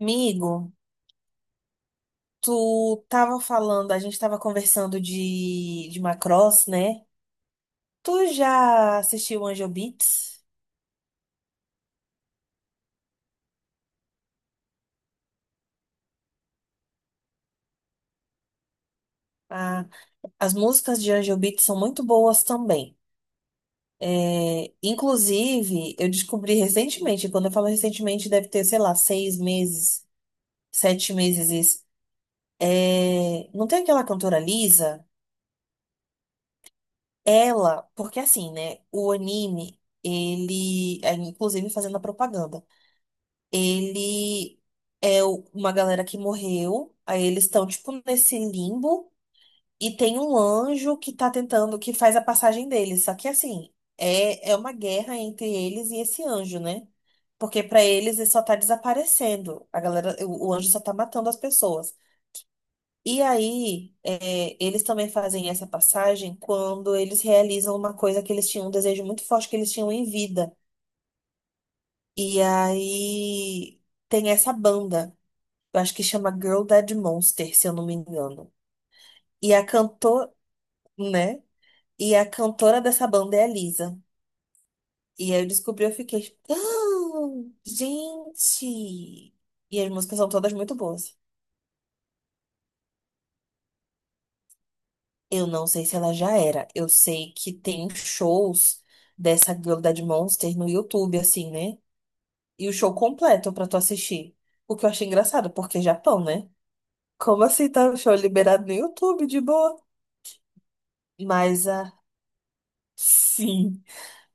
Amigo, tu tava falando, a gente tava conversando de Macross, né? Tu já assistiu Angel Beats? Ah, as músicas de Angel Beats são muito boas também. É, inclusive, eu descobri recentemente, quando eu falo recentemente, deve ter, sei lá, seis meses, sete meses isso. É, não tem aquela cantora Lisa? Ela, porque assim, né? O anime, ele, inclusive fazendo a propaganda. Ele uma galera que morreu, aí eles estão, tipo, nesse limbo, e tem um anjo que tá tentando, que faz a passagem deles. Só que, assim, é uma guerra entre eles e esse anjo, né? Porque pra eles ele só tá desaparecendo. A galera, o anjo só tá matando as pessoas. E aí, eles também fazem essa passagem quando eles realizam uma coisa que eles tinham, um desejo muito forte que eles tinham em vida. E aí tem essa banda. Eu acho que chama Girl Dead Monster, se eu não me engano. E a cantora, né? E a cantora dessa banda é a Lisa. E aí eu descobri, eu fiquei. "Ah, gente! E as músicas são todas muito boas. Eu não sei se ela já era. Eu sei que tem shows dessa Girl Dead Monster no YouTube, assim, né? E o show completo pra tu assistir. O que eu achei engraçado, porque é Japão, né? Como assim tá o show liberado no YouTube, de boa? Mas a. Sim.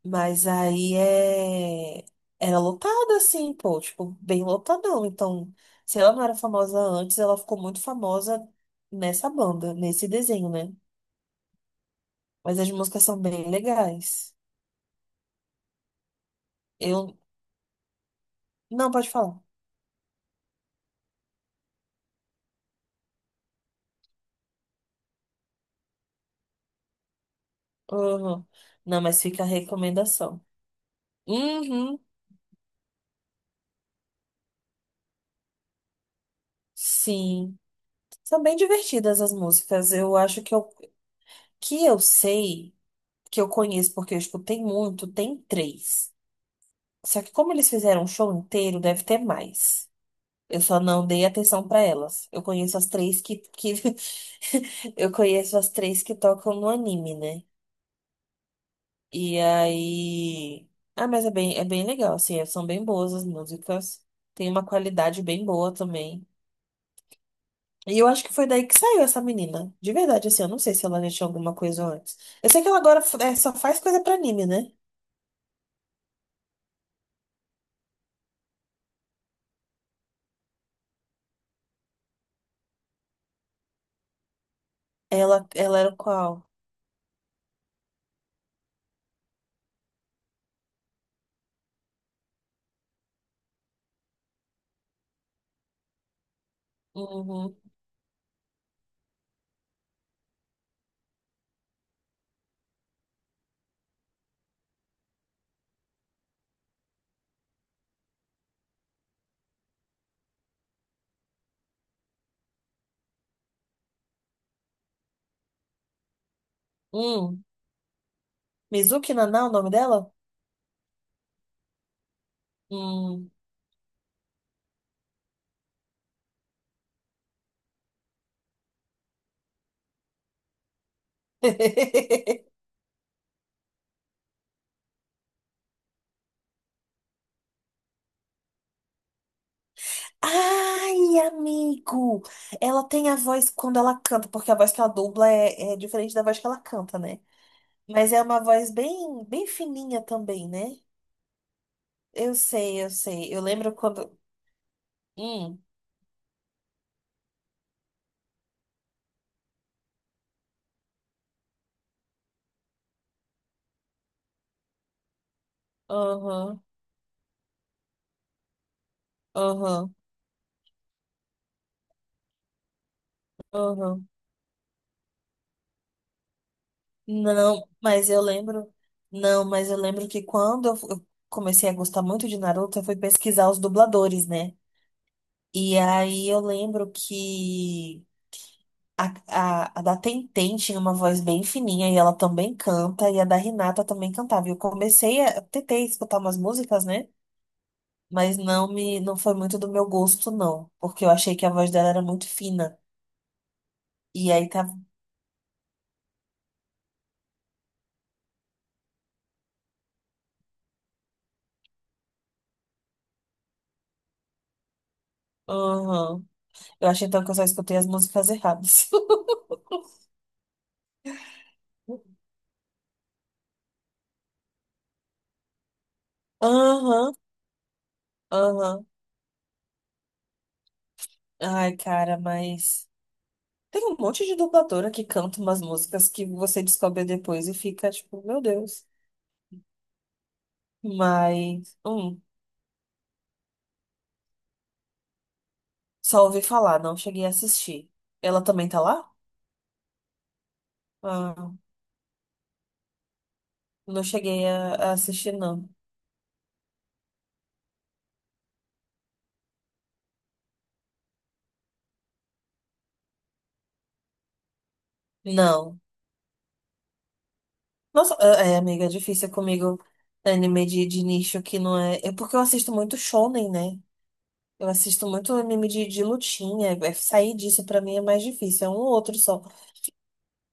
Mas aí é... era lotada, assim, pô, tipo, bem lotadão. Então, se ela não era famosa antes, ela ficou muito famosa nessa banda, nesse desenho, né? Mas as músicas são bem legais. Eu. Não, pode falar. Uhum. Não, mas fica a recomendação. Uhum. Sim. São bem divertidas as músicas. Eu acho que eu sei, que eu conheço porque eu escutei muito, tem três. Só que como eles fizeram um show inteiro, deve ter mais. Eu só não dei atenção pra elas. Eu conheço as três que... Eu conheço as três que tocam no anime, né? E aí... Ah, mas é bem legal, assim. São bem boas as músicas. Tem uma qualidade bem boa também. E eu acho que foi daí que saiu essa menina. De verdade, assim. Eu não sei se ela já tinha alguma coisa antes. Eu sei que ela agora só faz coisa pra anime, né? Ela era qual? Uhum. Hum. Mizuki Naná, o nome dela? Hum. Ai, amigo! Ela tem a voz quando ela canta, porque a voz que ela dubla é diferente da voz que ela canta, né? Mas é uma voz bem, bem fininha também, né? Eu sei, eu sei. Eu lembro quando. Hum, aham, aham, aham. Não, mas eu lembro. Não, mas eu lembro que quando eu eu comecei a gostar muito de Naruto, eu fui pesquisar os dubladores, né? E aí eu lembro que a da Tenten tinha uma voz bem fininha e ela também canta, e a da Renata também cantava. E eu comecei a, tentei escutar umas músicas, né? Mas não me, não foi muito do meu gosto, não, porque eu achei que a voz dela era muito fina. E aí tava. Aham. Eu achei então que eu só escutei as músicas erradas. Aham, aham. Ai, cara, mas. Tem um monte de dubladora que canta umas músicas que você descobre depois e fica tipo, meu Deus. Mas. Hum. Só ouvi falar, não cheguei a assistir. Ela também tá lá? Ah, não cheguei a assistir, não. Não. Nossa, amiga, é difícil comigo anime de nicho que não é. É porque eu assisto muito shonen, né? Eu assisto muito anime de lutinha. É, sair disso pra mim é mais difícil, é um ou outro só.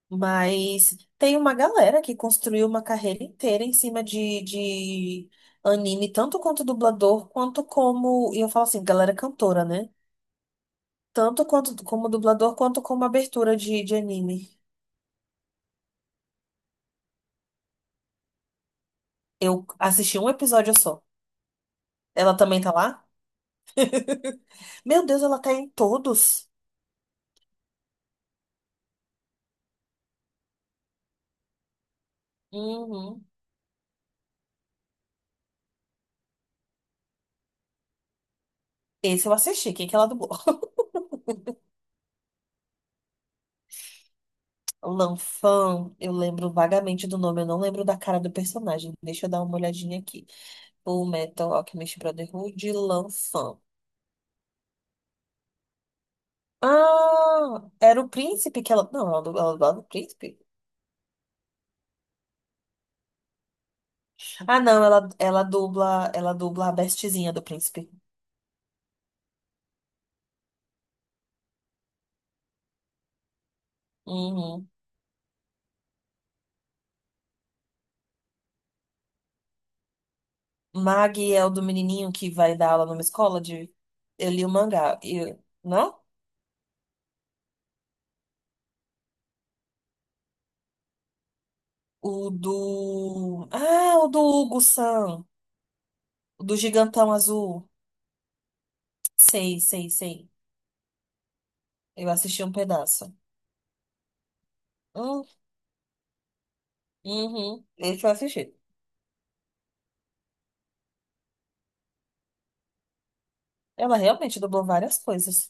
Mas tem uma galera que construiu uma carreira inteira em cima de anime, tanto quanto dublador, quanto como. E eu falo assim, galera cantora, né? Tanto quanto como dublador quanto como abertura de anime. Eu assisti um episódio só. Ela também tá lá? Meu Deus, ela tá em todos. Uhum. Esse eu assisti. Quem que ela dublou? Lanfan, eu lembro vagamente do nome, eu não lembro da cara do personagem. Deixa eu dar uma olhadinha aqui. O Metal Alchemist Brotherhood, Lanfan. Ah, era o príncipe que ela. Não, ela dubla o príncipe. Ah, não, ela, ela dubla a bestezinha do príncipe. Uhum. Mag é o do menininho que vai dar aula numa escola de. Eu li o mangá. E... Não? O do. Ah, o do Hugo-san. O do Gigantão Azul. Sei, sei, sei. Eu assisti um pedaço. Hum, uhum. Esse eu assisti. Ela realmente dublou várias coisas.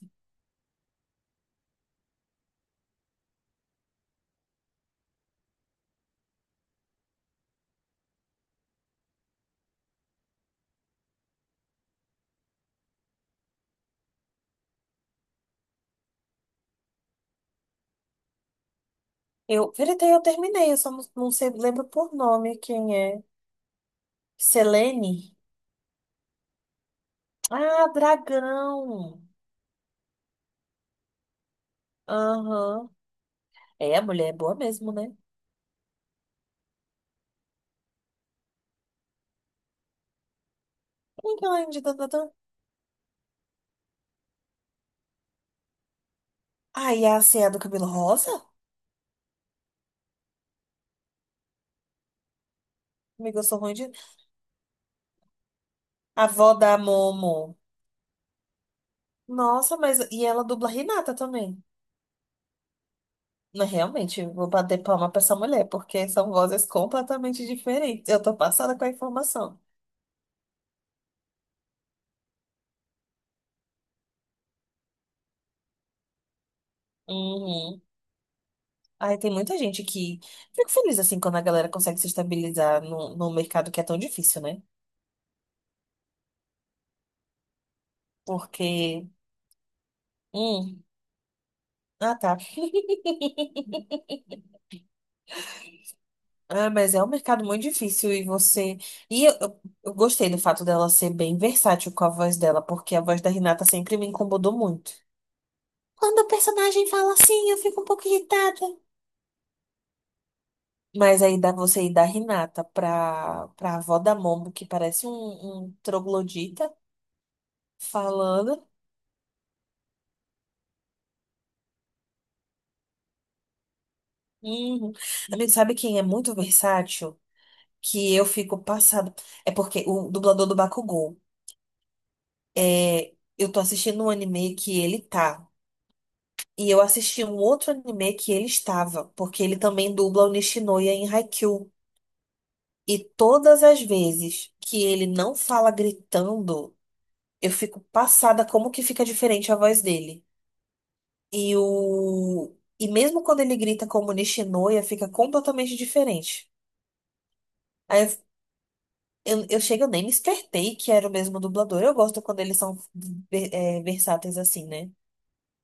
Eu, Veritei, eu terminei, eu só não, não sei, lembro por nome quem é. Selene? Ah, Dragão. Aham. É, a mulher é boa mesmo, né? Ai, a Cia do cabelo rosa? Amiga, eu sou ruim de... A avó da Momo. Nossa, mas... E ela dubla Renata também. Mas realmente, vou bater palma pra essa mulher, porque são vozes completamente diferentes. Eu tô passada com a informação. Uhum. Ai, tem muita gente que... Fico feliz, assim, quando a galera consegue se estabilizar num mercado que é tão difícil, né? Porque... Hum. Ah, tá. Ah, mas é um mercado muito difícil e você. E eu gostei do fato dela ser bem versátil com a voz dela, porque a voz da Renata sempre me incomodou muito. Quando o personagem fala assim, eu fico um pouco irritada. Mas aí dá você ir da Renata pra avó da Momo, que parece um troglodita, falando. Hum. Amigo, sabe quem é muito versátil? Que eu fico passada. É porque o dublador do Bakugou. É, eu tô assistindo um anime que ele tá. E eu assisti um outro anime que ele estava, porque ele também dubla o Nishinoya em Haikyuu. E todas as vezes que ele não fala gritando, eu fico passada como que fica diferente a voz dele. E mesmo quando ele grita como Nishinoya, fica completamente diferente. Aí eu chego, eu nem me espertei que era o mesmo dublador. Eu gosto quando eles são versáteis assim, né?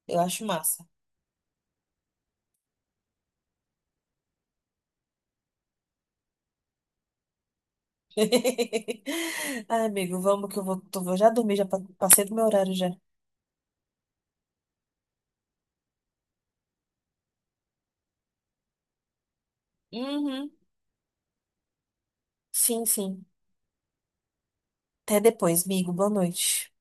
Eu acho massa. Ai, amigo, vamos que eu vou já dormir, já passei do meu horário já. Uhum. Sim, sim. Até depois, amigo. Boa noite.